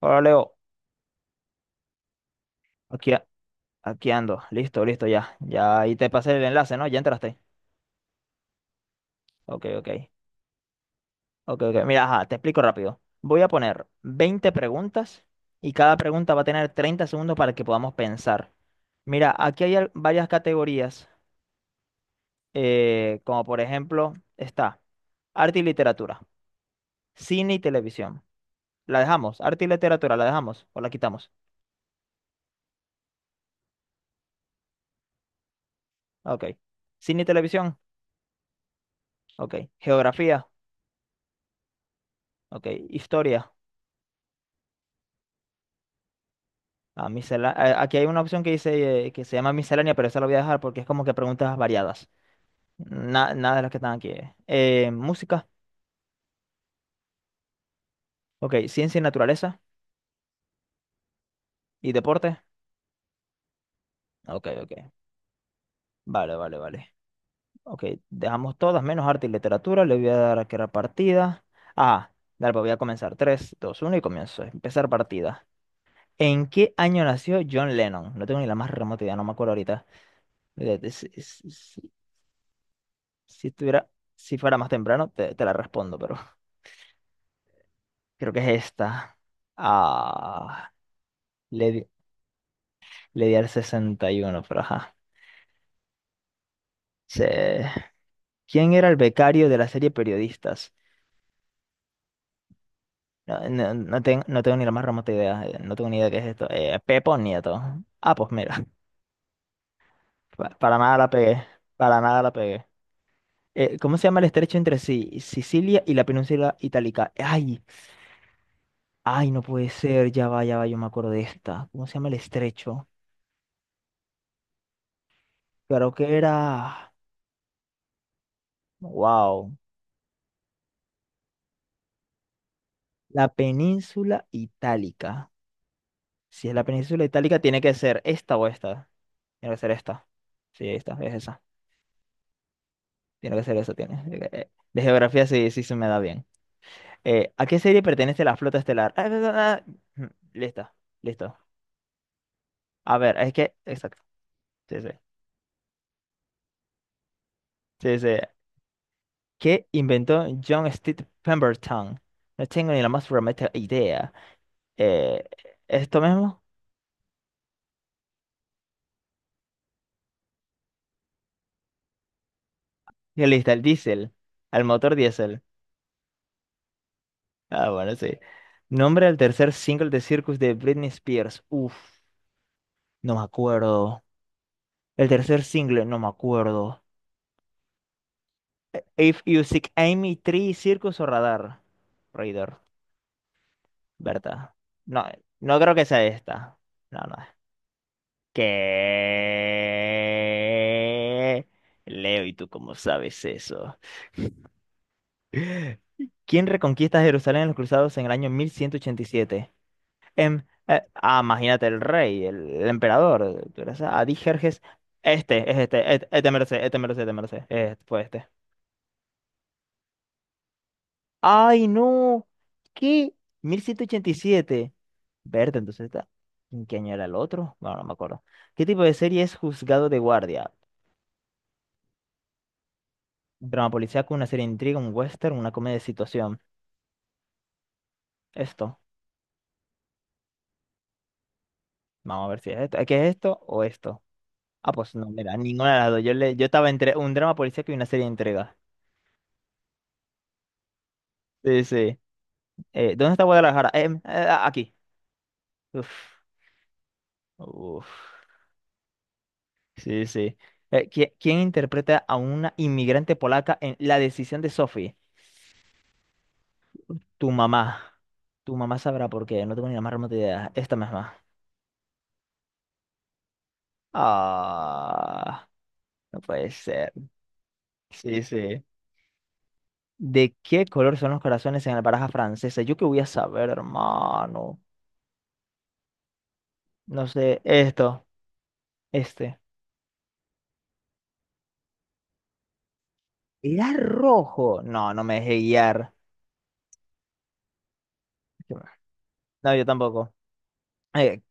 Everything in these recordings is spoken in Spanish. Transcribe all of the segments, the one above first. Hola Leo, aquí, a- aquí ando, listo, listo ya, ya ahí te pasé el enlace, ¿no? Ya entraste. Ok, ok, ok, ok. Mira, ajá, te explico rápido. Voy a poner 20 preguntas y cada pregunta va a tener 30 segundos para que podamos pensar. Mira, aquí hay varias categorías, como por ejemplo está arte y literatura, cine y televisión. ¿La dejamos? ¿Arte y literatura la dejamos o la quitamos? Ok. ¿Cine y televisión? Ok. ¿Geografía? Ok. ¿Historia? Ah, aquí hay una opción que dice que se llama miscelánea, pero esa la voy a dejar porque es como que preguntas variadas. Nada de las que están aquí. Música, ok. Ciencia y naturaleza y deporte. Ok, ok. Vale, vale, vale. Ok, dejamos todas menos arte y literatura. Le voy a dar a crear partida. Ah, dale, pues voy a comenzar. Tres, dos, uno y comienzo. Empezar partida. ¿En qué año nació John Lennon? No tengo ni la más remota idea, no me acuerdo ahorita. Eh, Si, si- si- si estuviera, si fuera más temprano, te la respondo, pero. Creo que es esta. Ah, le, di- le di al 61, pero ajá. Se- ¿Quién era el becario de la serie Periodistas? No, no, no tengo ni la más remota idea. No tengo ni idea qué es esto. Pepo Nieto. Ah, pues mira. Para nada la pegué. Para nada la pegué. ¿Cómo se llama el estrecho entre sí? Sicilia y la península itálica. Ay, ay, no puede ser. Ya va, yo me acuerdo de esta. ¿Cómo se llama el estrecho? Creo que era. Wow. La península itálica. Si es la península itálica, tiene que ser esta o esta. Tiene que ser esta. Sí, esta, es esa. Tiene que ser esa, tiene. De geografía sí, sí se me da bien. ¿A qué serie pertenece la flota estelar? Ah, ah, ah, ah. Listo, listo. A ver, es que. Exacto. Sí, sí. Sí, sí. ¿Qué inventó John Steve Pemberton? No tengo ni la más remota idea. Eh, ¿Esto mismo? Y listo, el diésel. Al motor diésel. Ah, bueno, sí. Nombre del tercer single de Circus de Britney Spears. Uf, no me acuerdo. El tercer single, no me acuerdo. If You Seek Amy, Tree, Circus o Radar. Radar, ¿verdad? No, no creo que sea esta. No, no. ¿Qué? Leo, ¿y tú cómo sabes eso? ¿Quién reconquista Jerusalén en los cruzados en el año 1187? Ah, imagínate el rey, el emperador. Tú eres Adijerjes. Este, es este, este, este merced, este merced, este merced. Fue este. ¡Ay, no! ¿Qué? 1187. Verde, entonces está. ¿En qué año era el otro? Bueno, no me acuerdo. ¿Qué tipo de serie es Juzgado de Guardia? Drama policíaco, una serie de intriga, un western, una comedia de situación. Esto. Vamos a ver si es esto. ¿Qué es esto o esto? Ah, pues no, mira, ninguna de las dos. Yo, le, yo estaba entre un drama policíaco y una serie de intriga. Sí, sí. ¿Dónde está Guadalajara? Ah, aquí. Uf, uf. Sí, sí. ¿Quién interpreta a una inmigrante polaca en La decisión de Sophie? Tu mamá. Tu mamá sabrá por qué, no tengo ni la más remota idea. Esta misma. Ah, no puede ser. Sí, sí. ¿De qué color son los corazones en la baraja francesa? Yo qué voy a saber, hermano. No sé, esto, este. ¿Era rojo? No, no me dejé guiar. No, yo tampoco. Eh,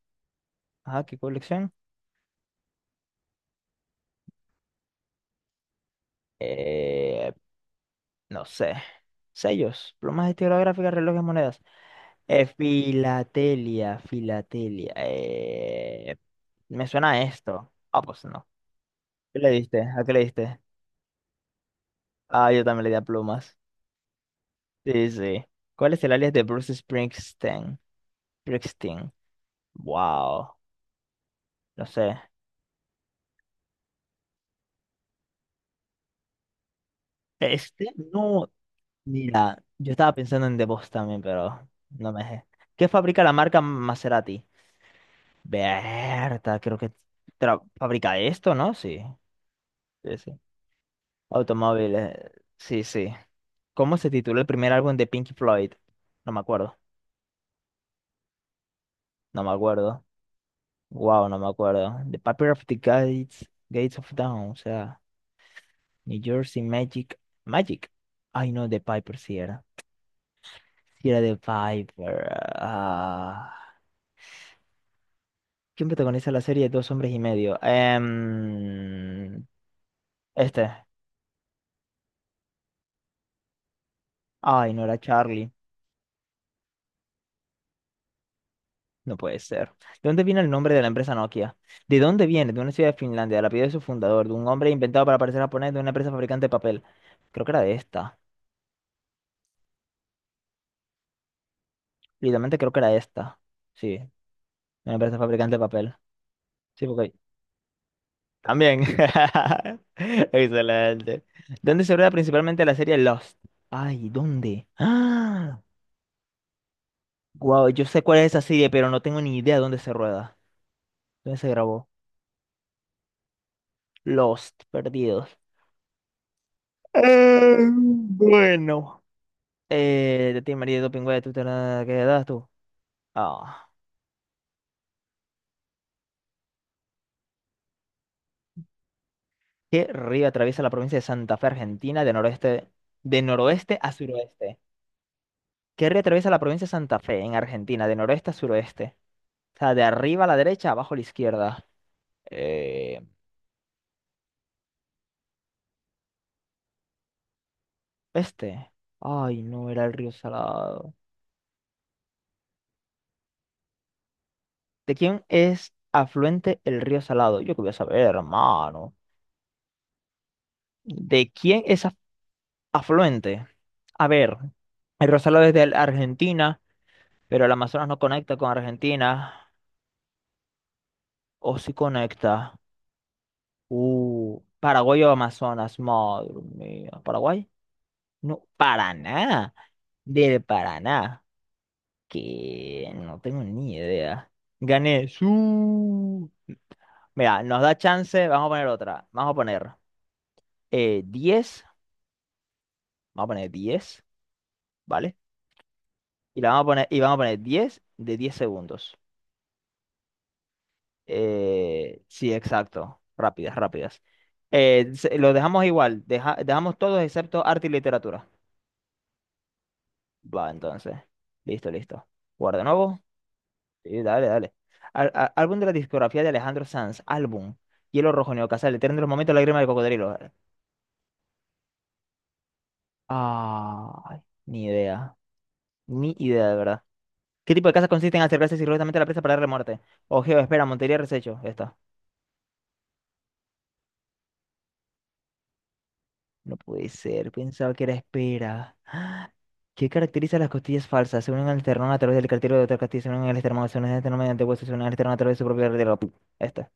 Ajá, ¿qué colección? Eh, no sé. Sellos, plumas estilográficas, relojes, monedas. Filatelia, filatelia. Me suena a esto. Ah, pues no. ¿Qué le diste? ¿A qué le diste? Ah, yo también le di a plumas. Sí, sí. ¿Cuál es el alias de Bruce Springsteen? Springsteen. Wow. No sé. Este, no. Mira, yo estaba pensando en The Boss también, pero no me dejé. ¿Qué fabrica la marca Maserati? Berta, creo que fabrica esto, ¿no? Sí, sí, sí. Automóviles, sí, sí. ¿Cómo se titula el primer álbum de Pink Floyd? No me acuerdo, no me acuerdo. Wow, no me acuerdo. The Paper of the Gates, Gates of Dawn, o sea, New Jersey Magic, Magic. Ay, no, The Piper, sí era. Sí era The Piper. Ah. ¿Quién protagoniza la serie Dos hombres y medio? Este. Ay, no era Charlie. No puede ser. ¿De dónde viene el nombre de la empresa Nokia? ¿De dónde viene? De una ciudad de Finlandia, del apellido de su fundador, de un hombre inventado para parecer japonés, de una empresa fabricante de papel. Creo que era de esta. Literalmente creo que era esta. Sí, de una empresa fabricante de papel. Sí, porque... También. Excelente. ¿Dónde se rueda principalmente la serie Lost? Ay, ¿dónde? ¡Ah! Wow, yo sé cuál es esa serie, pero no tengo ni idea dónde se rueda. ¿Dónde se grabó? Lost, perdidos. Bueno. De ti, María de Dopingüe, tú te la quedas tú. Ah. ¿Qué río atraviesa la provincia de Santa Fe, Argentina, de noroeste a suroeste? ¿Qué río atraviesa la provincia de Santa Fe, en Argentina, de noroeste a suroeste? O sea, de arriba a la derecha, abajo a la izquierda. Eh, este. Ay, no, era el río Salado. ¿De quién es afluente el río Salado? Yo qué voy a saber, hermano. ¿De quién es afluente? A ver, el río Salado es de Argentina. Pero el Amazonas no conecta con Argentina. O sí conecta. Paraguay o Amazonas. Madre mía. ¿Paraguay? No, Paraná. Del Paraná. Que no tengo ni idea. Gané. Su. Mira, nos da chance. Vamos a poner otra. Vamos a poner 10. Vamos a poner 10. ¿Vale? Y la vamos a poner, y vamos a poner 10 de 10 segundos. Sí, exacto. Rápidas, rápidas. Lo dejamos igual. Dejamos todos excepto arte y literatura. Va, entonces. Listo, listo. Guarda nuevo. Sí, dale, dale. Álbum de la discografía de Alejandro Sanz. Álbum. Hielo Rojo, Neocasal, Eterno de los Momentos, Lágrima de Cocodrilo. Ay, ni idea. Ni idea, de verdad. ¿Qué tipo de casas consiste en acercarse sigilosamente a la presa para darle muerte? Ojeo, espera, Montería, Resecho. Esta. No puede ser. Pensaba que era espera. ¿Qué caracteriza las costillas falsas? Se unen al esternón a través del cartílago de otra costilla, se unen al esternón, se unen al esternón mediante huesos, se unen al esternón a través de su propia arteria. Esta.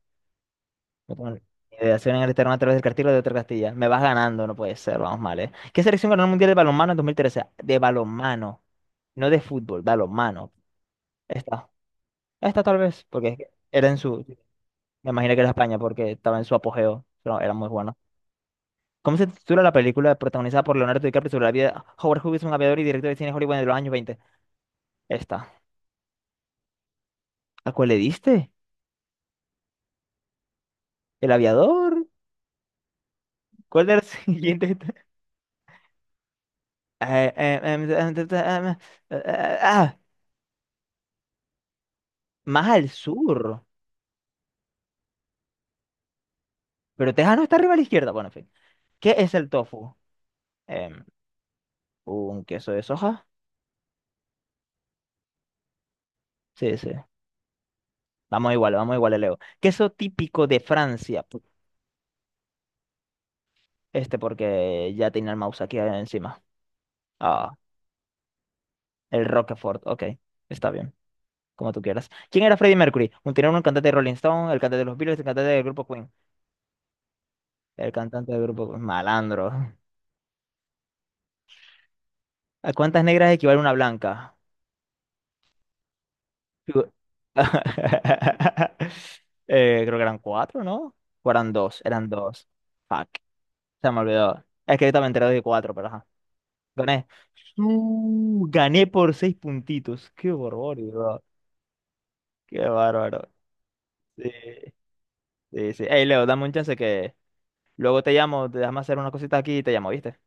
No tengo ni idea. Se unen al esternón a través del cartílago de otra costilla. Me vas ganando, no puede ser, vamos mal, ¿eh? ¿Qué selección ganó el Mundial de Balonmano en 2013? De balonmano, no de fútbol, balonmano. Esta. Esta tal vez, porque es que era en su... Me imagino que era España, porque estaba en su apogeo, pero era muy bueno. ¿Cómo se titula la película protagonizada por Leonardo DiCaprio sobre la vida de Howard Hughes, un aviador y director de cine Hollywood de los años 20? Esta. ¿A cuál le diste? ¿El aviador? ¿Cuál era el siguiente? Eh, eh, em, em, em, em, ah, más al sur. Pero Texas no está arriba a la izquierda. Bueno, en fin. ¿Qué es el tofu? Em, ¿Un queso de soja? Sí, sí. Vamos igual, Leo. Queso típico de Francia. Pu- Este porque ya tenía el mouse aquí encima. Ah, el Roquefort. Ok, está bien. Como tú quieras. ¿Quién era Freddie Mercury? Un tenor, un cantante de Rolling Stone, el cantante de los Beatles, el cantante del grupo Queen. El cantante del grupo Malandro. ¿A cuántas negras equivale una blanca? Figu- Creo que eran cuatro, ¿no? O eran dos, eran dos. Fuck, se me olvidó. Es que yo también enteré de cuatro, pero ajá. Gané. Gané por seis puntitos. Qué barbaridad, bro. Qué bárbaro. Sí, sí, sí. Ey, Leo, dame un chance que luego te llamo, te déjame hacer unas cositas aquí y te llamo, ¿viste?